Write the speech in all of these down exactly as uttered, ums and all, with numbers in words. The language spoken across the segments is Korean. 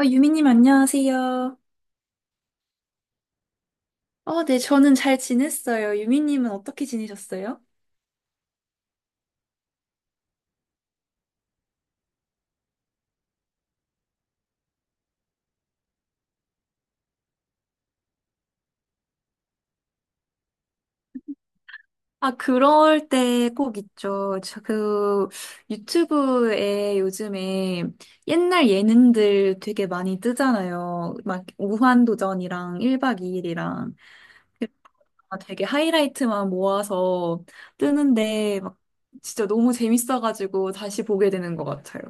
어, 유미님 안녕하세요. 어, 네, 저는 잘 지냈어요. 유미님은 어떻게 지내셨어요? 아, 그럴 때 꼭 있죠. 저 그 유튜브에 요즘에 옛날 예능들 되게 많이 뜨잖아요. 막 무한도전이랑 일 박 이 일이랑 되게 하이라이트만 모아서 뜨는데 막 진짜 너무 재밌어가지고 다시 보게 되는 것 같아요.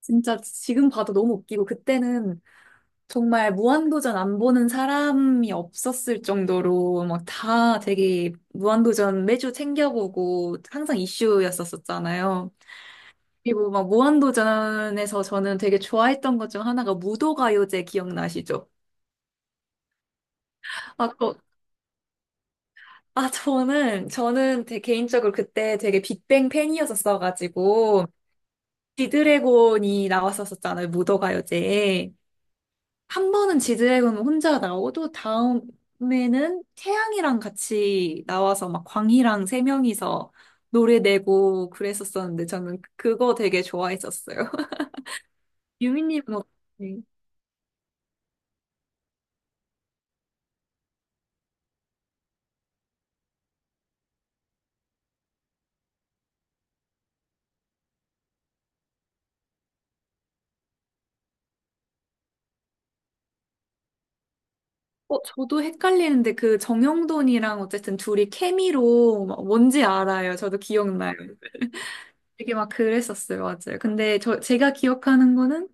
진짜 지금 봐도 너무 웃기고, 그때는 정말 무한도전 안 보는 사람이 없었을 정도로 막 다 되게 무한도전 매주 챙겨보고 항상 이슈였었었잖아요. 그리고 막 무한도전에서 저는 되게 좋아했던 것 중 하나가 무도가요제 기억나시죠? 아, 그, 아 저는 저는 되게 개인적으로 그때 되게 빅뱅 팬이었었어가지고 지드래곤이 나왔었었잖아요, 무도가요제에. 한 번은 지드래곤 혼자 나오고 다음에는 태양이랑 같이 나와서 막 광희랑 세 명이서 노래 내고 그랬었었는데, 저는 그거 되게 좋아했었어요. 유미님은 어떠세요? 어, 저도 헷갈리는데 그 정형돈이랑 어쨌든 둘이 케미로 막, 뭔지 알아요. 저도 기억나요. 되게 막 그랬었어요. 맞아요. 근데 저 제가 기억하는 거는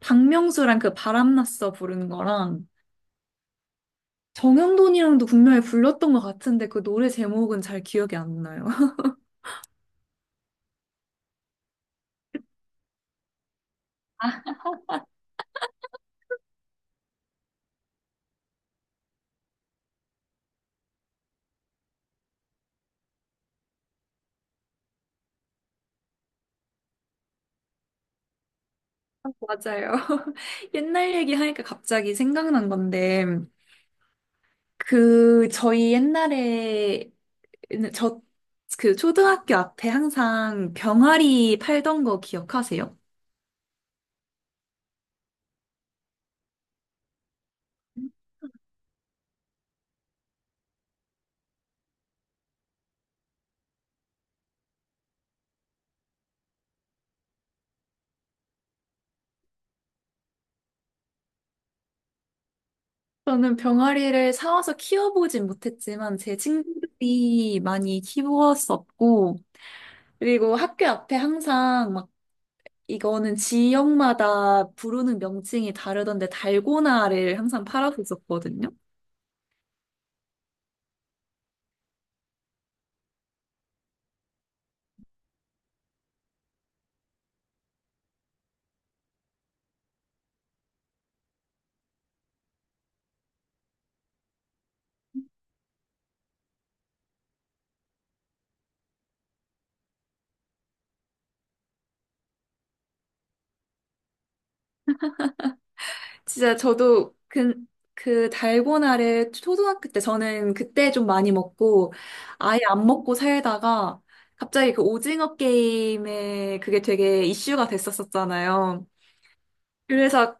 박명수랑 그 바람났어 부르는 거랑 정형돈이랑도 분명히 불렀던 것 같은데 그 노래 제목은 잘 기억이 안 나요. 맞아요. 옛날 얘기하니까 갑자기 생각난 건데, 그 저희 옛날에 저 그 초등학교 앞에 항상 병아리 팔던 거 기억하세요? 저는 병아리를 사와서 키워보진 못했지만 제 친구들이 많이 키웠었고, 그리고 학교 앞에 항상 막, 이거는 지역마다 부르는 명칭이 다르던데 달고나를 항상 팔았었거든요. 진짜 저도 그, 그 달고나를 초등학교 때 저는 그때 좀 많이 먹고 아예 안 먹고 살다가 갑자기 그 오징어 게임에 그게 되게 이슈가 됐었었잖아요. 그래서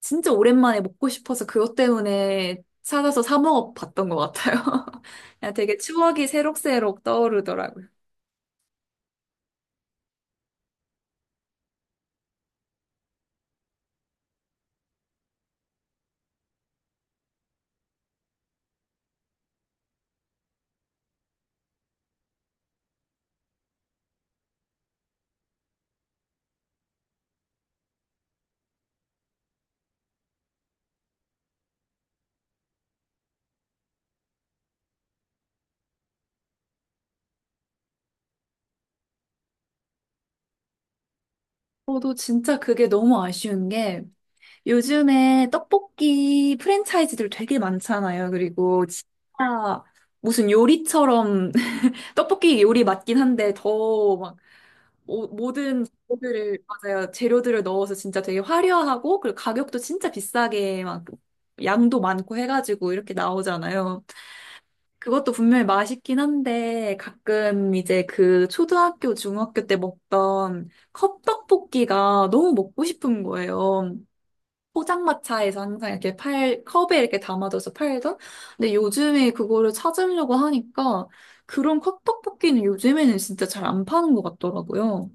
진짜 오랜만에 먹고 싶어서 그것 때문에 찾아서 사 먹어 봤던 것 같아요. 그냥 되게 추억이 새록새록 떠오르더라고요. 저도 진짜 그게 너무 아쉬운 게, 요즘에 떡볶이 프랜차이즈들 되게 많잖아요. 그리고 진짜 무슨 요리처럼 떡볶이 요리 맞긴 한데, 더 막 모든 재료들을, 맞아요, 재료들을 넣어서 진짜 되게 화려하고 그리고 가격도 진짜 비싸게 막 양도 많고 해가지고 이렇게 나오잖아요. 그것도 분명히 맛있긴 한데 가끔 이제 그 초등학교, 중학교 때 먹던 컵떡볶이가 너무 먹고 싶은 거예요. 포장마차에서 항상 이렇게 팔, 컵에 이렇게 담아줘서 팔던? 근데 요즘에 그거를 찾으려고 하니까 그런 컵떡볶이는 요즘에는 진짜 잘 안 파는 것 같더라고요.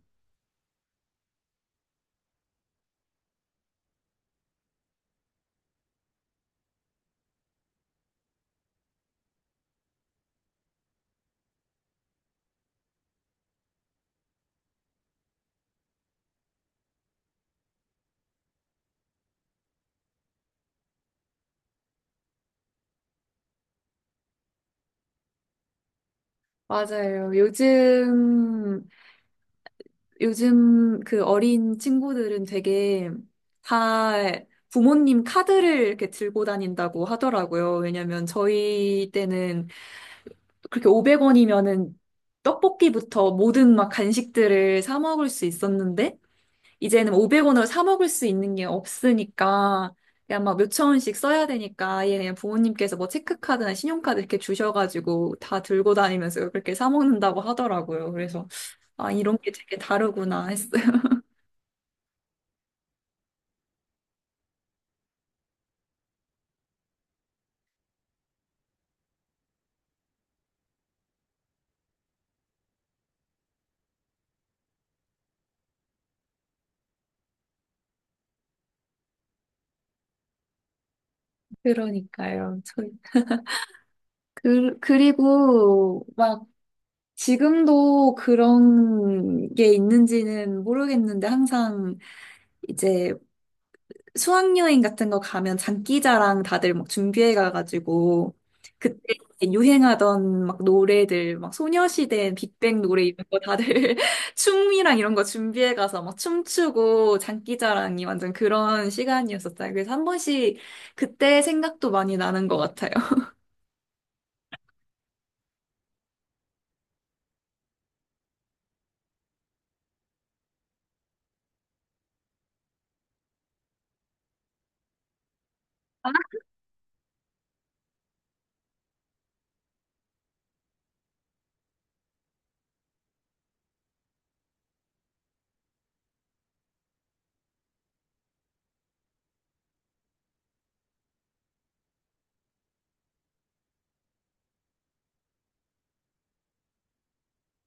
맞아요. 요즘 요즘 그 어린 친구들은 되게 다 부모님 카드를 이렇게 들고 다닌다고 하더라고요. 왜냐면 저희 때는 그렇게 오백 원이면은 떡볶이부터 모든 막 간식들을 사 먹을 수 있었는데, 이제는 오백 원으로 사 먹을 수 있는 게 없으니까 그냥 막 몇천 원씩 써야 되니까 아예 그냥 부모님께서 뭐 체크카드나 신용카드 이렇게 주셔가지고 다 들고 다니면서 그렇게 사 먹는다고 하더라고요. 그래서 아, 이런 게 되게 다르구나 했어요. 그러니까요. 저, 그, 그리고 막 지금도 그런 게 있는지는 모르겠는데, 항상 이제 수학여행 같은 거 가면 장기자랑 다들 막 준비해 가가지고 그때 유행하던 막 노래들, 막 소녀시대 빅뱅 노래 이런 거 다들 춤이랑 이런 거 준비해 가서 막 춤추고 장기자랑이 완전 그런 시간이었었잖아요. 그래서 한 번씩 그때 생각도 많이 나는 것 같아요.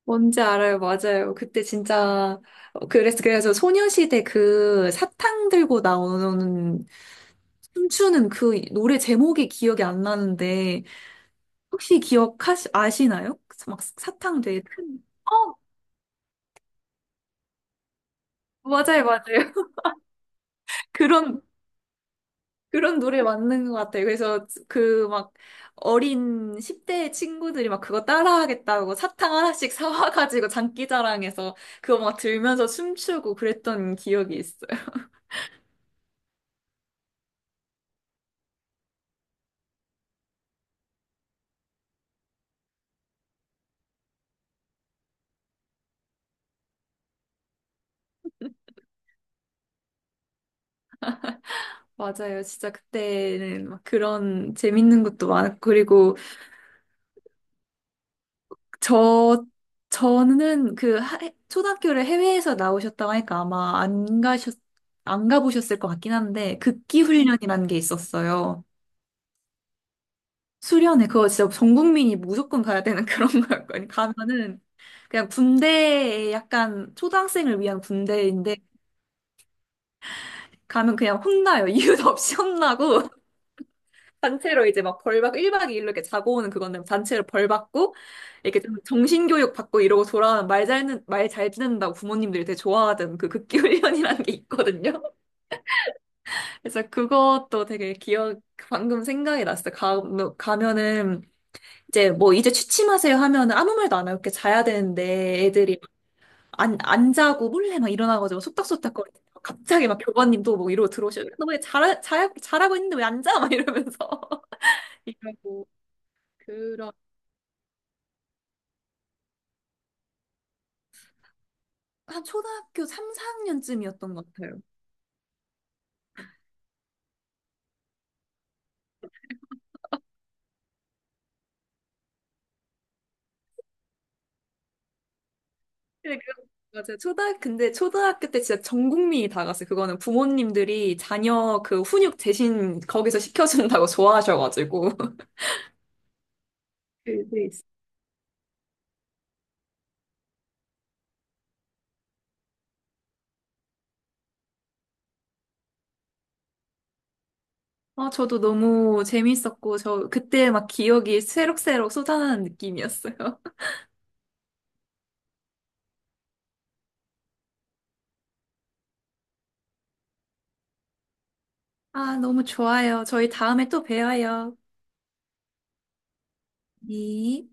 뭔지 알아요. 맞아요. 그때 진짜 어, 그래서 그래서 소녀시대 그 사탕 들고 나오는 춤추는 그 노래 제목이 기억이 안 나는데, 혹시 기억하시 아시나요? 막 사탕 되게 큰, 어, 맞아요. 맞아요. 그런 그런 노래 맞는 것 같아요. 그래서 그 막 어린 십 대 친구들이 막 그거 따라하겠다고 사탕 하나씩 사와가지고 장기자랑해서 그거 막 들면서 춤추고 그랬던 기억이 있어요. 맞아요. 진짜 그때는 막 그런 재밌는 것도 많았고, 그리고 저, 저는 그 하- 초등학교를 해외에서 나오셨다고 하니까 아마 안 가셨, 안 가보셨을 것 같긴 한데, 극기 훈련이라는 게 있었어요. 수련회, 그거 진짜 전 국민이 무조건 가야 되는 그런 거였거든요. 가면은 그냥 군대에 약간 초등학생을 위한 군대인데, 가면 그냥 혼나요. 이유도 없이 혼나고. 단체로 이제 막 벌받고 일 박 이 일로 이렇게 자고 오는 그건데, 단체로 벌받고 이렇게 좀 정신교육 받고 이러고 돌아오는, 말잘 듣는 말 잘 듣는다고 부모님들이 되게 좋아하던 그 극기훈련이라는 게 있거든요. 그래서 그것도 되게 기억, 방금 생각이 났어요. 가, 뭐 가면은 이제 뭐 이제 취침하세요 하면은 아무 말도 안 하고 이렇게 자야 되는데, 애들이 안, 안 자고 몰래 막 일어나가지고 속닥속닥거리고 갑자기 막 교관님도 뭐 이러고 들어오시고, 너 왜 잘, 잘, 잘하고 있는데 왜 안 자? 막 이러면서 이러고. 한 초등학교 삼, 사 학년쯤이었던 것 같아요. 근데 그, 맞아요. 초등학, 근데 초등학교 때 진짜 전 국민이 다 갔어요. 그거는 부모님들이 자녀 그 훈육 대신 거기서 시켜준다고 좋아하셔가지고. 그, 네. 아, 저도 너무 재밌었고, 저 그때 막 기억이 새록새록 쏟아나는 느낌이었어요. 아, 너무 좋아요. 저희 다음에 또 봬요. 네.